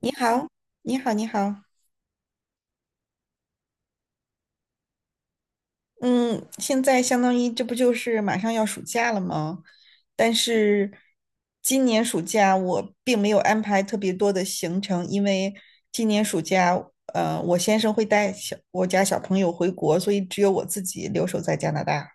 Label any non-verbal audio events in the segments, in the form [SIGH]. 你好，你好，你好。嗯，现在相当于这不就是马上要暑假了吗？但是今年暑假我并没有安排特别多的行程，因为今年暑假，我先生会带我家小朋友回国，所以只有我自己留守在加拿大。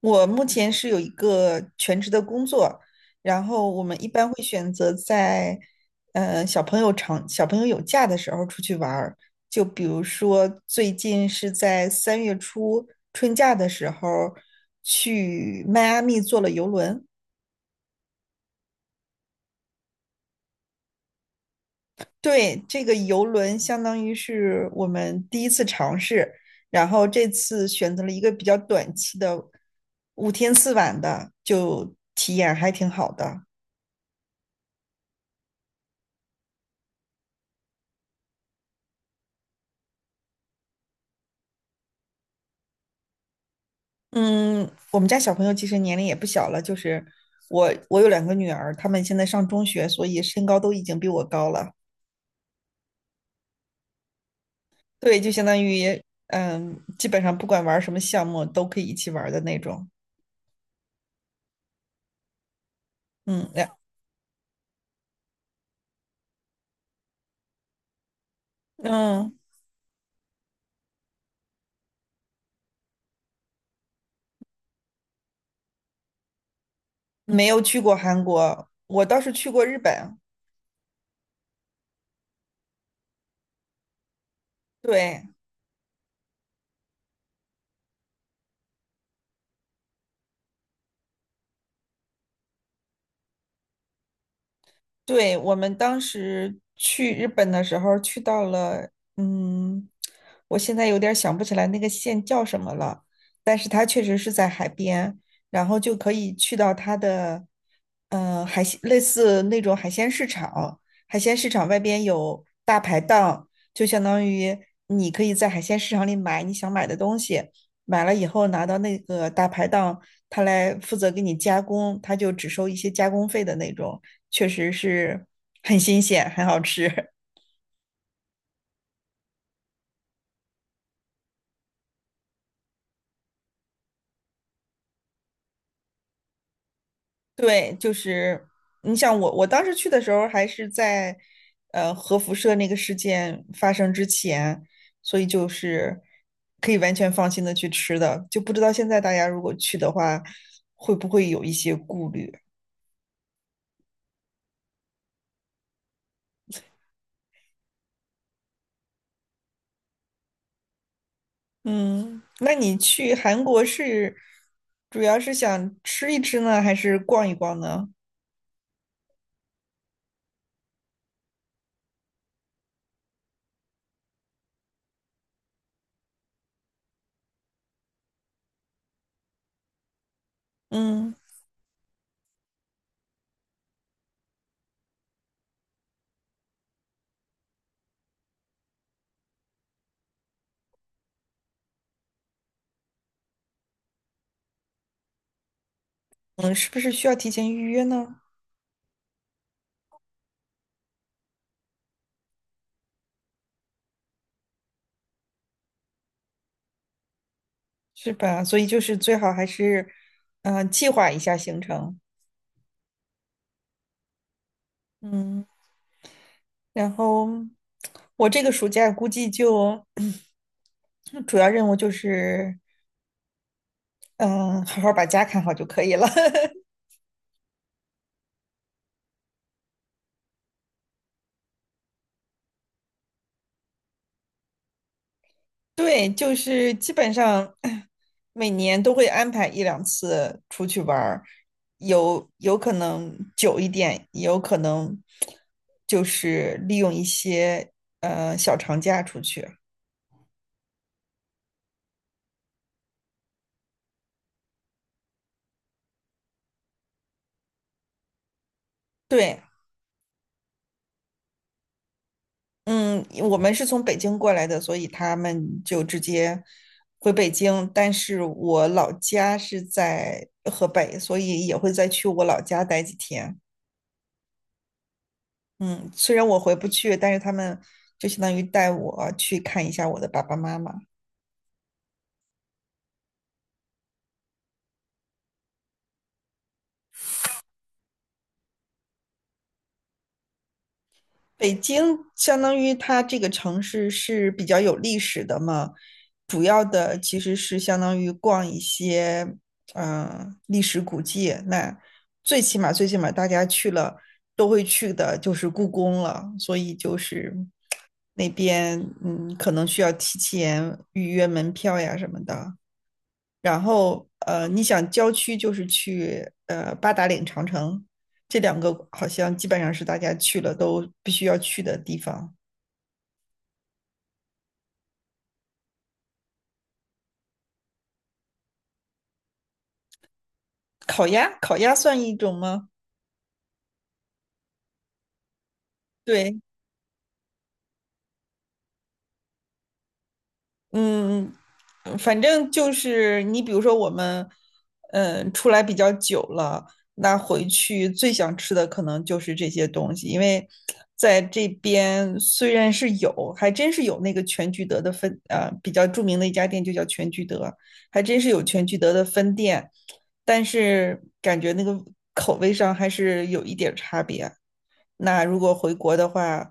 我目前是有一个全职的工作，然后我们一般会选择在小朋友有假的时候出去玩儿，就比如说最近是在3月初春假的时候去迈阿密坐了游轮。对，这个游轮相当于是我们第一次尝试，然后这次选择了一个比较短期的5天4晚的，就体验还挺好的。嗯，我们家小朋友其实年龄也不小了，就是我有2个女儿，她们现在上中学，所以身高都已经比我高了。对，就相当于基本上不管玩什么项目都可以一起玩的那种。嗯，嗯，没有去过韩国，我倒是去过日本。对，对，我们当时去日本的时候，去到了，嗯，我现在有点儿想不起来那个县叫什么了，但是它确实是在海边，然后就可以去到它的，海鲜类似那种海鲜市场，海鲜市场外边有大排档，就相当于你可以在海鲜市场里买你想买的东西，买了以后拿到那个大排档，他来负责给你加工，他就只收一些加工费的那种。确实是很新鲜，很好吃。[LAUGHS] 对，就是你想我当时去的时候还是在核辐射那个事件发生之前，所以就是可以完全放心的去吃的，就不知道现在大家如果去的话，会不会有一些顾虑？嗯，那你去韩国是主要是想吃一吃呢，还是逛一逛呢？嗯嗯，是不是需要提前预约呢？是吧？所以就是最好还是，计划一下行程。嗯，然后我这个暑假估计就 [CLEARS THROAT] 主要任务就是，嗯，好好把家看好就可以了。[LAUGHS] 对，就是基本上 [CLEARS THROAT] 每年都会安排一两次出去玩儿，有可能久一点，也有可能就是利用一些小长假出去。对，嗯，我们是从北京过来的，所以他们就直接回北京。但是我老家是在河北，所以也会再去我老家待几天。嗯，虽然我回不去，但是他们就相当于带我去看一下我的爸爸妈妈。北京相当于它这个城市是比较有历史的嘛，主要的其实是相当于逛一些历史古迹。那最起码大家去了都会去的就是故宫了，所以就是那边可能需要提前预约门票呀什么的。然后你想郊区就是去八达岭长城，这两个好像基本上是大家去了都必须要去的地方。烤鸭，烤鸭算一种吗？对，嗯，反正就是你，比如说我们，出来比较久了，那回去最想吃的可能就是这些东西，因为在这边虽然是有，还真是有那个全聚德比较著名的一家店就叫全聚德，还真是有全聚德的分店，但是感觉那个口味上还是有一点儿差别。那如果回国的话，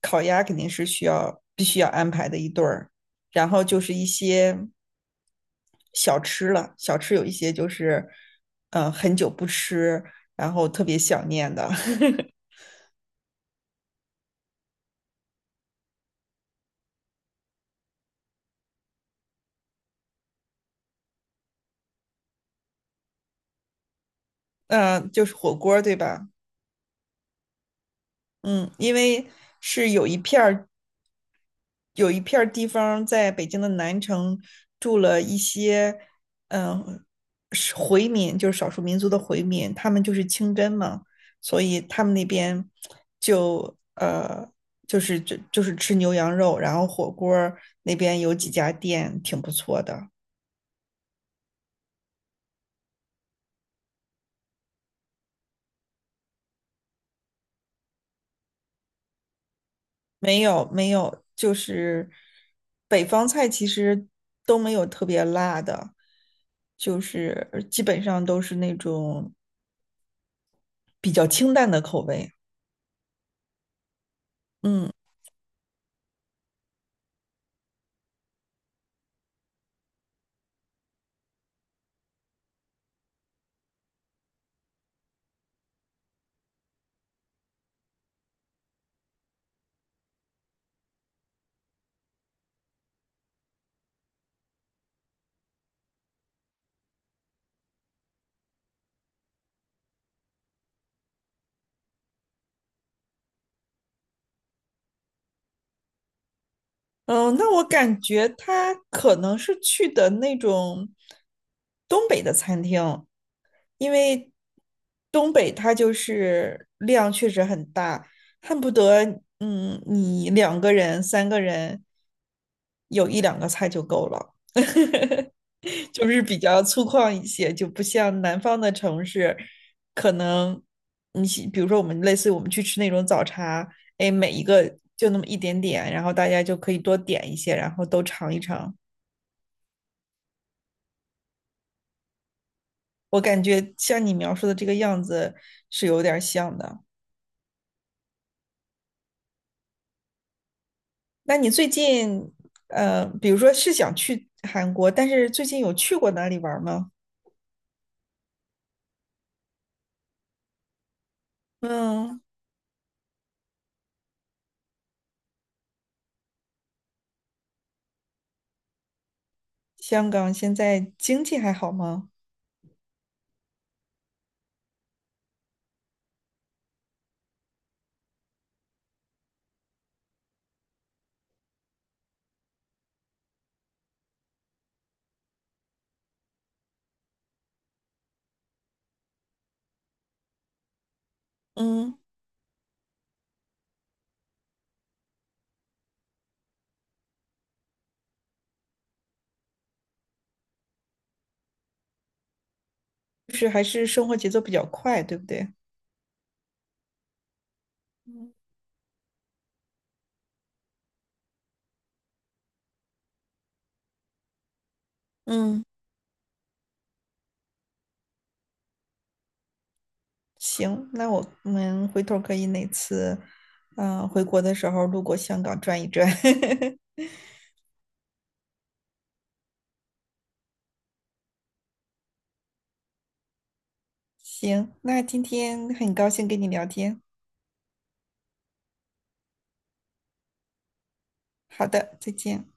烤鸭肯定是需要必须要安排的一对儿。然后就是一些小吃了，小吃有一些就是很久不吃，然后特别想念的，[LAUGHS] 嗯、就是火锅对吧？嗯，因为是有一片地方在北京的南城住了一些，嗯，回民，就是少数民族的回民，他们就是清真嘛，所以他们那边就呃，就是吃牛羊肉，然后火锅那边有几家店挺不错的。没有没有，就是北方菜其实都没有特别辣的，就是基本上都是那种比较清淡的口味，嗯。嗯，那我感觉他可能是去的那种东北的餐厅，因为东北它就是量确实很大，恨不得你2个人、3个人有一两个菜就够了，[LAUGHS] 就是比较粗犷一些，就不像南方的城市，可能比如说我们类似于我们去吃那种早茶。哎，每一个就那么一点点，然后大家就可以多点一些，然后都尝一尝。我感觉像你描述的这个样子是有点像的。那你最近，比如说是想去韩国，但是最近有去过哪里玩吗？嗯，香港现在经济还好吗？嗯，就是还是生活节奏比较快，对不对？嗯嗯，行，那我们回头可以哪次，回国的时候路过香港转一转。[LAUGHS] 行，那今天很高兴跟你聊天。好的，再见。